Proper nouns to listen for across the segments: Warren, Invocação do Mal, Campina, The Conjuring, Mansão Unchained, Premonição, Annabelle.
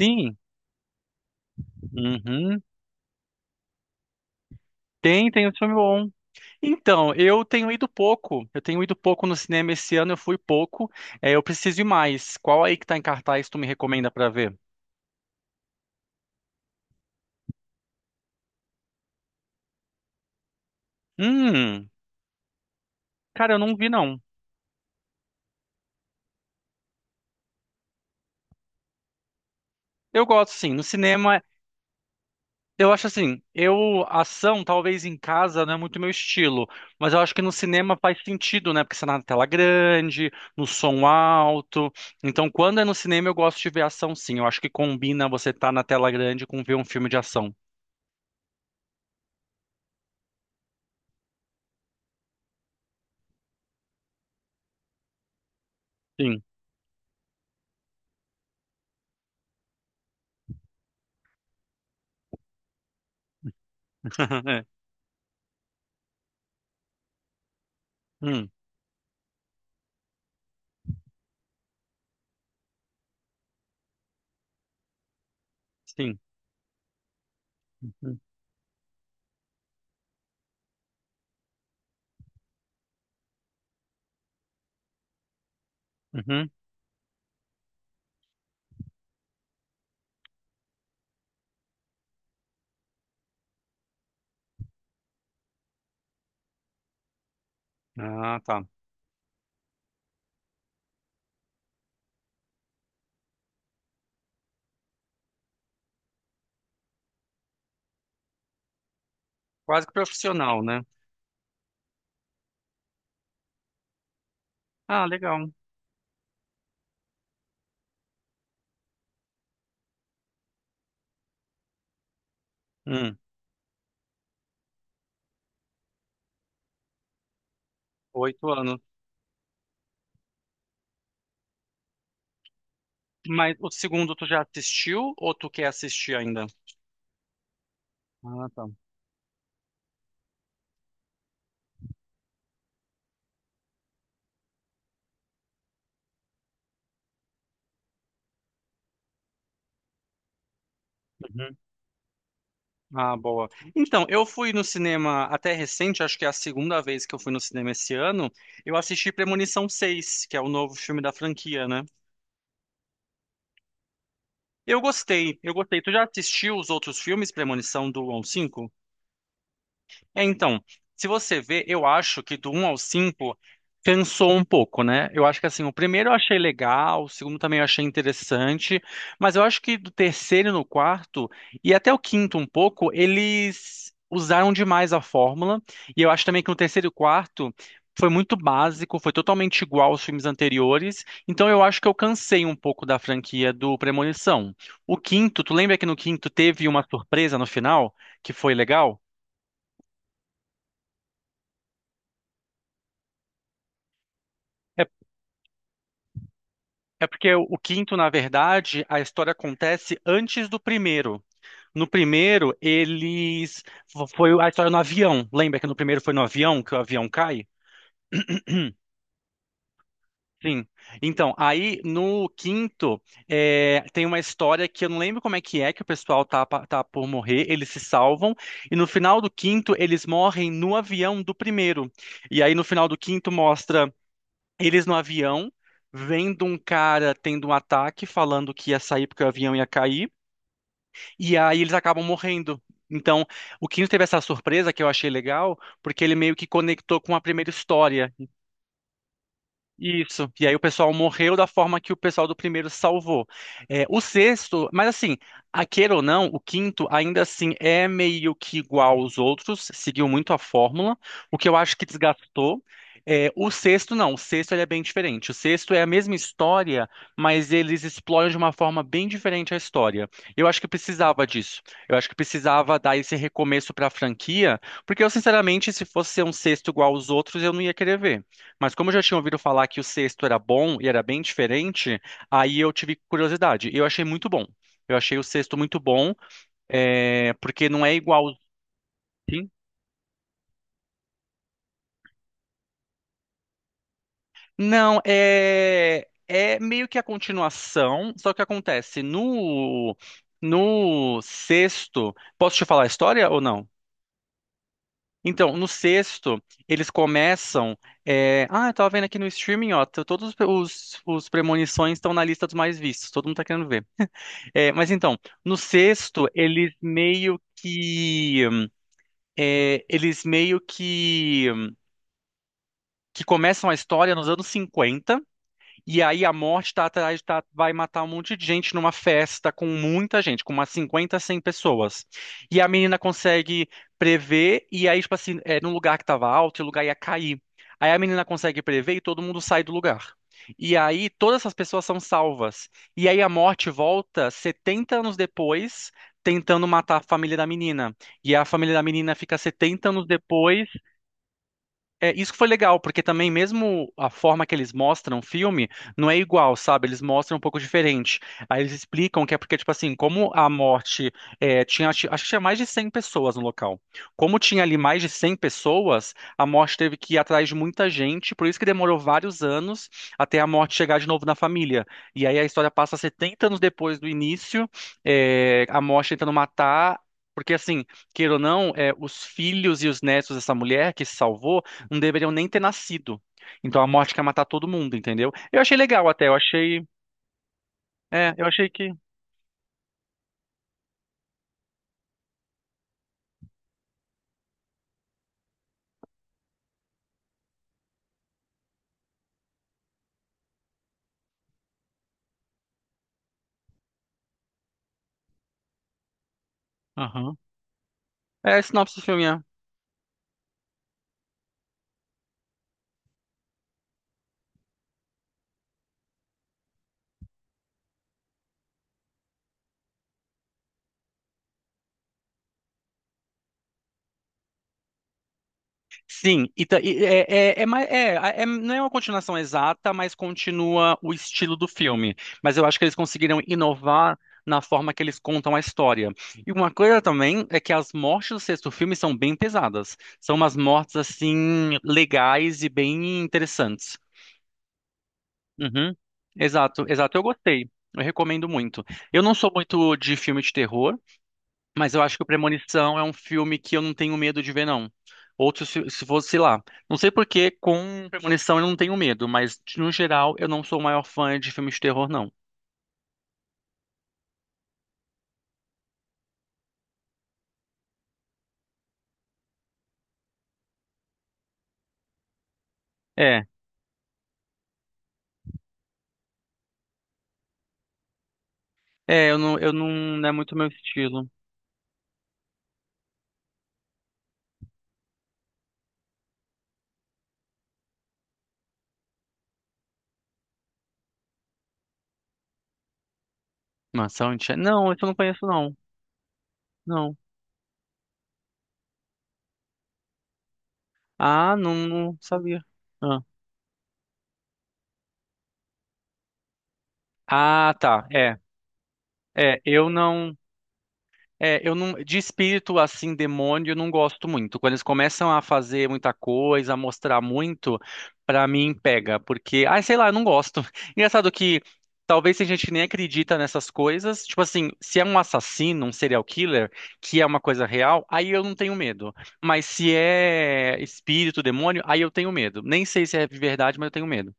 Sim, uhum. Tem um filme bom. Então, eu tenho ido pouco. Eu tenho ido pouco no cinema esse ano, eu fui pouco. É, eu preciso ir mais. Qual aí que tá em cartaz tu me recomenda pra ver? Hum, cara, eu não vi não. Eu gosto sim. No cinema, eu acho assim, eu ação talvez em casa não é muito meu estilo, mas eu acho que no cinema faz sentido, né? Porque você tá na tela grande, no som alto. Então, quando é no cinema eu gosto de ver ação sim. Eu acho que combina você estar na tela grande com ver um filme de ação. Sim. É. Hum, sim. Uhum. Uhum. Ah, tá. Quase que profissional, né? Ah, legal. Hum, 8 anos. Mas o segundo tu já assistiu ou tu quer assistir ainda? Ah, tá. Uhum. Ah, boa. Então, eu fui no cinema até recente, acho que é a segunda vez que eu fui no cinema esse ano. Eu assisti Premonição seis, que é o novo filme da franquia, né? Eu gostei, eu gostei. Tu já assistiu os outros filmes, Premonição do 1 ao 5? É, então, se você vê, eu acho que do um ao 5 cansou um pouco, né? Eu acho que assim, o primeiro eu achei legal, o segundo também eu achei interessante, mas eu acho que do terceiro no quarto e até o quinto um pouco, eles usaram demais a fórmula, e eu acho também que no terceiro e quarto foi muito básico, foi totalmente igual aos filmes anteriores, então eu acho que eu cansei um pouco da franquia do Premonição. O quinto, tu lembra que no quinto teve uma surpresa no final que foi legal? É É, porque o quinto, na verdade, a história acontece antes do primeiro. No primeiro, eles. Foi a história no avião. Lembra que no primeiro foi no avião que o avião cai? Sim. Então, aí no quinto, tem uma história que eu não lembro como é, que o pessoal tá, tá por morrer, eles se salvam, e no final do quinto, eles morrem no avião do primeiro. E aí no final do quinto mostra eles no avião, vendo um cara tendo um ataque, falando que ia sair porque o avião ia cair. E aí eles acabam morrendo. Então, o quinto teve essa surpresa que eu achei legal, porque ele meio que conectou com a primeira história. Isso. E aí o pessoal morreu da forma que o pessoal do primeiro salvou. É, o sexto, mas assim, a queira ou não, o quinto ainda assim é meio que igual aos outros, seguiu muito a fórmula. O que eu acho que desgastou. É, o sexto não, o sexto ele é bem diferente. O sexto é a mesma história, mas eles exploram de uma forma bem diferente a história. Eu acho que precisava disso. Eu acho que precisava dar esse recomeço para a franquia, porque eu sinceramente, se fosse ser um sexto igual aos outros, eu não ia querer ver. Mas como eu já tinha ouvido falar que o sexto era bom e era bem diferente, aí eu tive curiosidade. E eu achei muito bom. Eu achei o sexto muito bom, porque não é igual. Quin- Não, é meio que a continuação, só que acontece no sexto. Posso te falar a história ou não? Então, no sexto, eles começam. Ah, eu tava vendo aqui no streaming, ó. Todos os premonições estão na lista dos mais vistos. Todo mundo tá querendo ver. É, mas então, no sexto, eles meio que. Eles meio que. Que começam a história nos anos 50. E aí a morte tá atrás, tá, vai matar um monte de gente numa festa com muita gente, com umas 50, 100 pessoas. E a menina consegue prever, e aí, tipo assim, no lugar que tava alto, o lugar ia cair. Aí a menina consegue prever e todo mundo sai do lugar. E aí todas essas pessoas são salvas. E aí a morte volta 70 anos depois, tentando matar a família da menina. E a família da menina fica 70 anos depois, isso que foi legal, porque também mesmo a forma que eles mostram o filme não é igual, sabe? Eles mostram um pouco diferente. Aí eles explicam que é porque, tipo assim, como a morte tinha, acho que tinha mais de 100 pessoas no local. Como tinha ali mais de 100 pessoas, a morte teve que ir atrás de muita gente, por isso que demorou vários anos até a morte chegar de novo na família. E aí a história passa 70 anos depois do início, a morte tentando matar. Porque, assim, queira ou não, os filhos e os netos dessa mulher que se salvou não deveriam nem ter nascido. Então a morte quer matar todo mundo, entendeu? Eu achei legal até, eu achei. É, eu achei que. Aham. É, a sinopse do filme, é. Sim, e, e é, não é uma continuação exata, mas continua o estilo do filme. Mas eu acho que eles conseguiram inovar na forma que eles contam a história. E uma coisa também é que as mortes do sexto filme são bem pesadas. São umas mortes, assim, legais e bem interessantes. Uhum. Exato, exato. Eu gostei. Eu recomendo muito. Eu não sou muito de filme de terror, mas eu acho que o Premonição é um filme que eu não tenho medo de ver, não. Outro, se fosse sei lá. Não sei por que com Premonição eu não tenho medo, mas no geral eu não sou o maior fã de filme de terror, não. É, é, eu não, não é muito meu estilo. Mansão Unchained? Não, isso eu não conheço, não. Não. Ah, não, não sabia. Ah, ah, tá. É, é, eu não. É, eu não, de espírito assim, demônio, eu não gosto muito. Quando eles começam a fazer muita coisa, a mostrar muito, pra mim pega, porque, ai, sei lá, eu não gosto. Engraçado que talvez tem gente que nem acredita nessas coisas. Tipo assim, se é um assassino, um serial killer, que é uma coisa real, aí eu não tenho medo. Mas se é espírito, demônio, aí eu tenho medo. Nem sei se é verdade, mas eu tenho medo.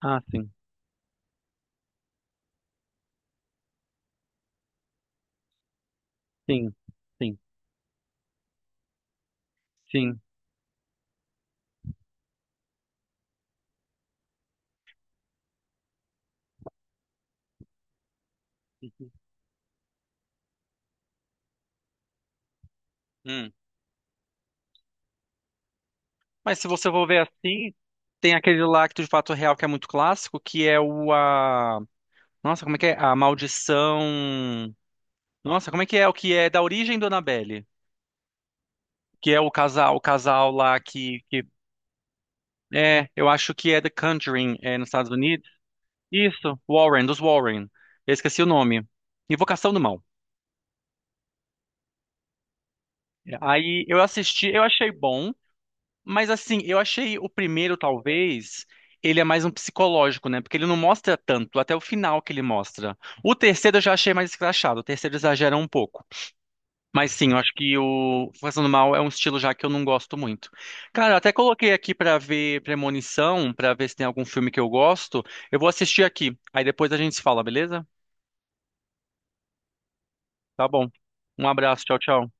Ah, sim, sim, sim, sim. Mas se você for ver assim, tem aquele lá Lacto de Fato Real que é muito clássico, que é o a... Nossa, como é que é? A Maldição... Nossa, como é que é? O que é da origem do Annabelle? Que é o casal lá que... É, eu acho que é The Conjuring, nos Estados Unidos. Isso, Warren, dos Warren. Eu esqueci o nome. Invocação do Mal. É. Aí eu assisti, eu achei bom. Mas assim, eu achei o primeiro, talvez, ele é mais um psicológico, né? Porque ele não mostra tanto, até o final que ele mostra. O terceiro eu já achei mais escrachado, o terceiro exagera um pouco. Mas sim, eu acho que o Fazendo Mal é um estilo já que eu não gosto muito. Cara, eu até coloquei aqui pra ver Premonição, pra ver se tem algum filme que eu gosto. Eu vou assistir aqui, aí depois a gente se fala, beleza? Tá bom. Um abraço, tchau, tchau.